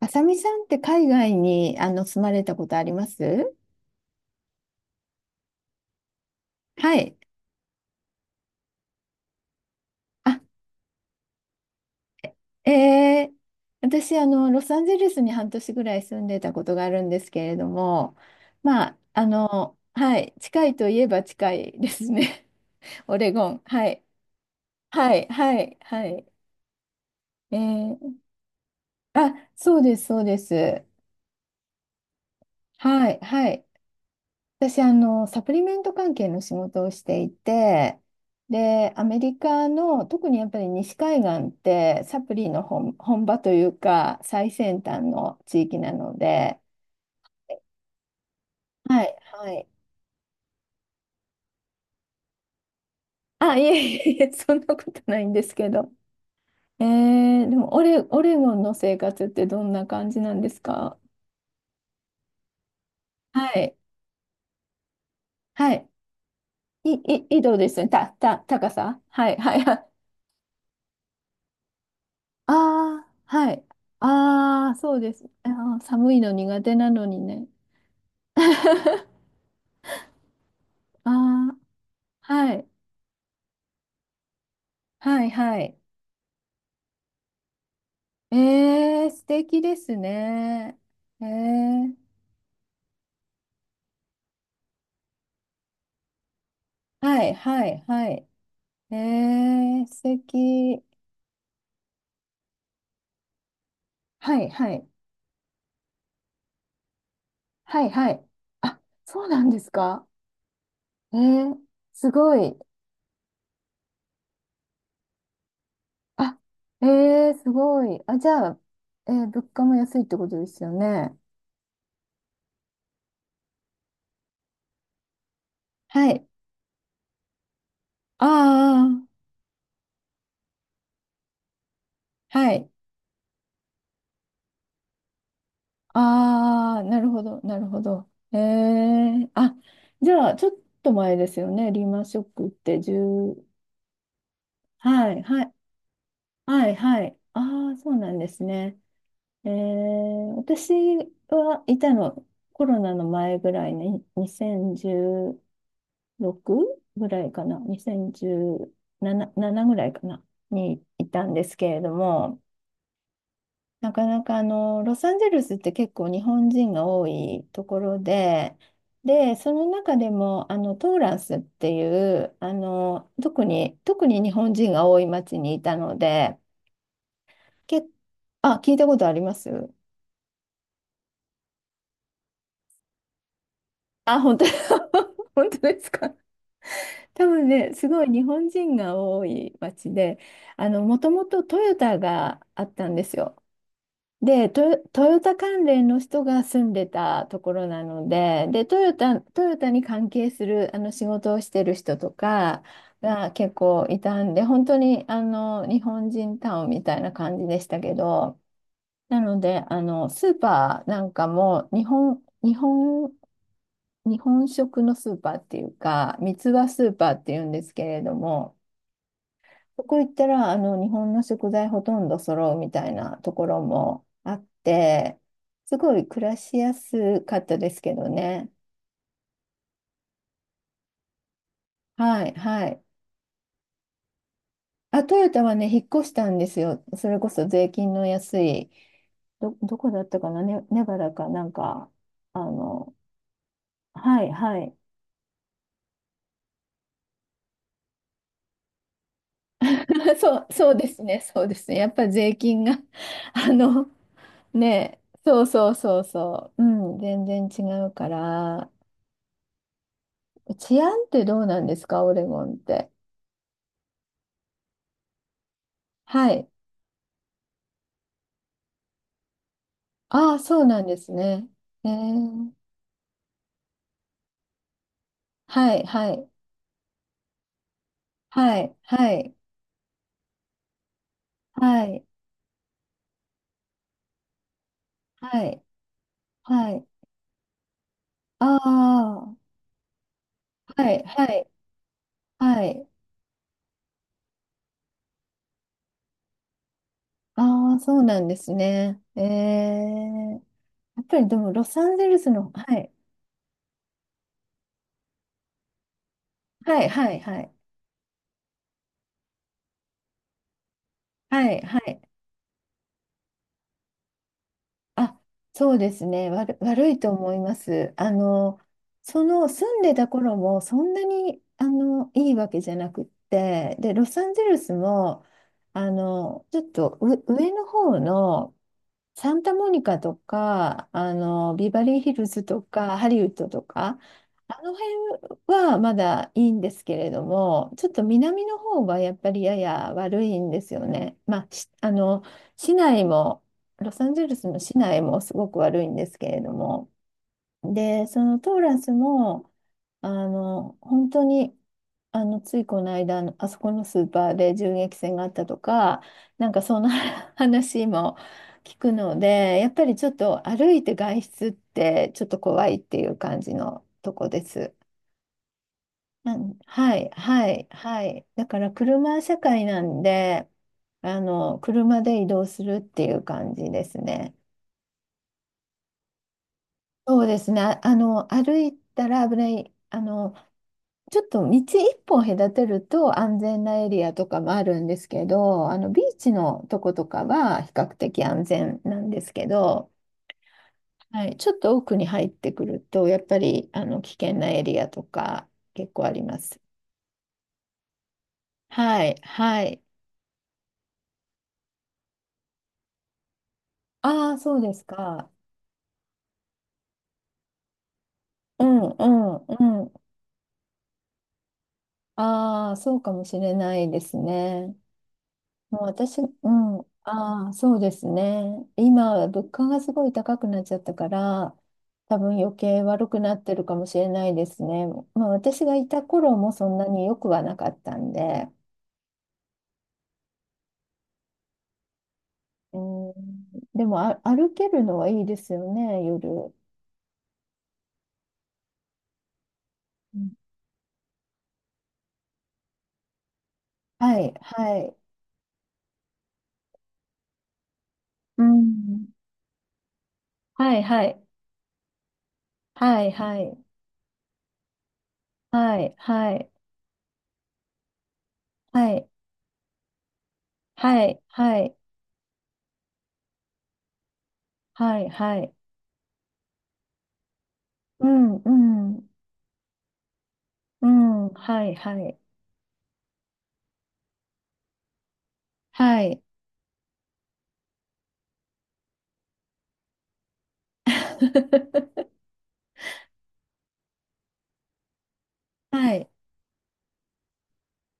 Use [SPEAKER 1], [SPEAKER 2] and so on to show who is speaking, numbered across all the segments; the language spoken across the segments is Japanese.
[SPEAKER 1] あさみさんって海外に住まれたことあります？はい。あ、えー、私ロサンゼルスに半年ぐらい住んでたことがあるんですけれども、まあ、はい、近いといえば近いですね。オレゴン。はい。はい、はい、はい。えー、あ、そうです、そうです。はい、はい。私、サプリメント関係の仕事をしていて、で、アメリカの、特にやっぱり西海岸って、サプリの本場というか、最先端の地域なので、はい、はい。あ、いえいえいえ、そんなことないんですけど。えでもオレゴンの生活ってどんな感じなんですか？はい、はい。緯度ですね。高さ。はい、はい、はい。ああ、はい。ああ、そうです。あー、寒いの苦手なのにね。ああ、はい。はい、はい。えー、素敵ですね。えー、はい、はい、はい。えー、素敵。はい、はい。はい、はい。あ、そうなんですか。えー、すごい。あ、えー、すごい。あ、じゃあ、物価も安いってことですよね。はい。ああ、はい。ああ、なるほど、なるほど。ええ、あ、じゃあ、ちょっと前ですよね。リーマンショックって10、はい、はい、はい、はい。ああ、そうなんですね。ええ、私はいたの、コロナの前ぐらいねに、2016ぐらいかな、2017、7ぐらいかな、にいたんですけれども、なかなかロサンゼルスって結構日本人が多いところで、で、その中でもトーランスっていう特に日本人が多い町にいたので、け、あ、聞いたことあります？あ、本当？ 本当ですか。多分ね、すごい日本人が多い町で、もともとトヨタがあったんですよ。で、トヨタ関連の人が住んでたところなので、で、トヨタに関係する仕事をしてる人とかが結構いたんで、本当に日本人タウンみたいな感じでしたけど、なので、スーパーなんかも日本食のスーパーっていうか、三つ葉スーパーっていうんですけれども、そこ行ったら、日本の食材ほとんど揃うみたいなところもあって、すごい暮らしやすかったですけどね。はい、はい。あ、トヨタはね、引っ越したんですよ。それこそ税金の安い、どこだったかな、ね、ネバダかなんか、あの、はい、はい。そうですね、そうですね。やっぱり税金が あの、ね、そうそうそうそう、うん、全然違うから、治安ってどうなんですか、オレゴンって？はい。ああ、そうなんですね。えー、はい、はい、はい、はい、はい、はい、はい。ああ、はい、はい、はい。ああ、そうなんですね。えー、やっぱりでも、ロサンゼルスの、はい、はい、はい、はい、はい、はい。あ、そうですね。悪いと思います。その住んでた頃もそんなにいいわけじゃなくって、で、ロサンゼルスもちょっと上の方の、サンタモニカとか、ビバリーヒルズとか、ハリウッドとか、あの辺はまだいいんですけれども、ちょっと南の方はやっぱりやや悪いんですよね。まあ、しあの、市内も、ロサンゼルスの市内もすごく悪いんですけれども、で、そのトーラスも、本当に、ついこの間、あそこのスーパーで銃撃戦があったとか、なんかそんな 話も聞くので、やっぱりちょっと歩いて外出ってちょっと怖いっていう感じのとこです。うん、はい、はい、はい。だから車社会なんで、車で移動するっていう感じですね。そうですね。歩いたら危ない。ちょっと道一本隔てると安全なエリアとかもあるんですけど、ビーチのとことかは比較的安全なんですけど、はい、ちょっと奥に入ってくると、やっぱり、危険なエリアとか結構あります。はい、はい。ああ、そうですか。うん、うん、うん。ああ、そうかもしれないですね。もう私、うん、ああ、そうですね。今、物価がすごい高くなっちゃったから、多分余計悪くなってるかもしれないですね。まあ、私がいた頃もそんなに良くはなかったんで、うん、でも、あ、歩けるのはいいですよね、夜。うん、はい、はい。うん。はい、はい。はい、はい。はい、はい。はい、はい、はい。はい、はい。うん、うん。うん、はい、はい。はい。はい。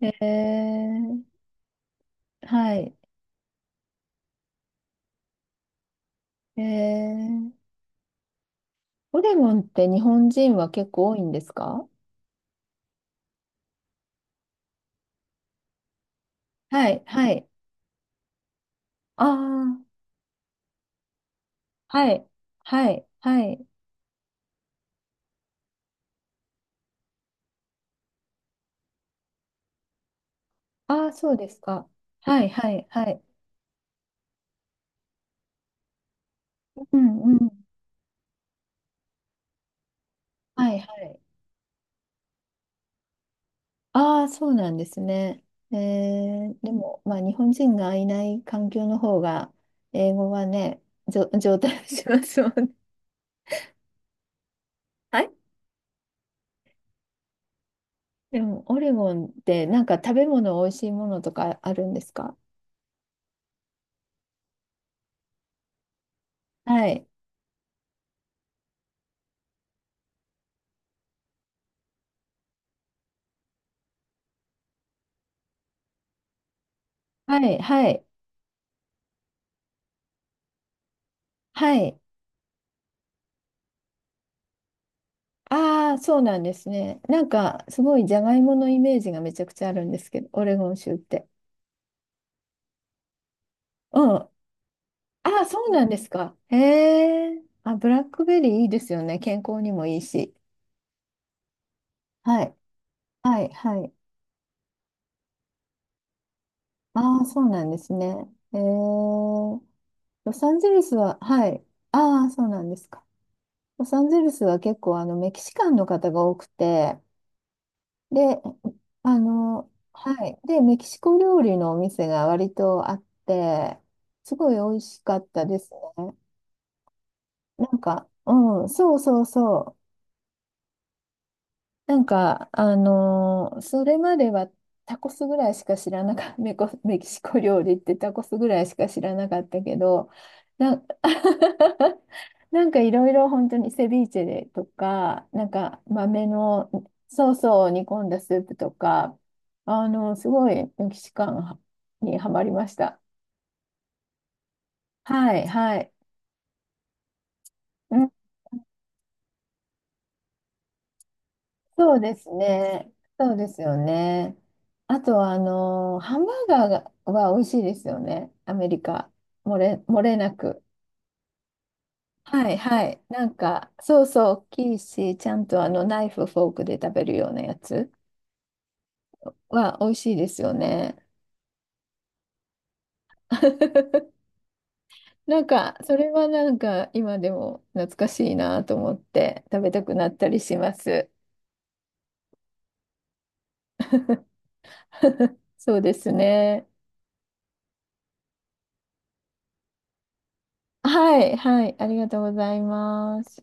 [SPEAKER 1] えー、はい。えー、オレゴンって日本人は結構多いんですか？はい、はい。ああ、はい、はい、はい。ああ、そうですか。はい、はい、はい。うん、うん。はい、はい。ああ、そうなんですね。えー、でも、まあ、日本人がいない環境の方が、英語はね、上達しますもんね。はい。でも、オレゴンってなんか食べ物美味しいものとかあるんですか？はい。はい、はい、はい。ああ、そうなんですね。なんか、すごいジャガイモのイメージがめちゃくちゃあるんですけど、オレゴン州って。うん。ああ、そうなんですか。へえ。あ、ブラックベリーいいですよね。健康にもいいし。はい、はい、はい。ああ、そうなんですね。へえ。ロサンゼルスは、はい。ああ、そうなんですか。ロサンゼルスは結構メキシカンの方が多くて、で、はい。で、メキシコ料理のお店が割とあって、すごい美味しかったですね。なんか、うん、そうそうそう。なんか、それまではタコスぐらいしか知らなかった、メキシコ料理ってタコスぐらいしか知らなかったけど、な、なんかいろいろ本当にセビーチェでとか、なんか豆のソースを煮込んだスープとか、すごいメキシカンにはまりました。はい、はい。うん、そうですね。そうですよね。あとは、ハンバーガーがは美味しいですよね。アメリカ。漏れなく。はい、はい。なんか、そうそう、大きいし、ちゃんとナイフ、フォークで食べるようなやつは美味しいですよね。なんか、それはなんか、今でも懐かしいなと思って、食べたくなったりします。そうですね。はい、はい。ありがとうございます。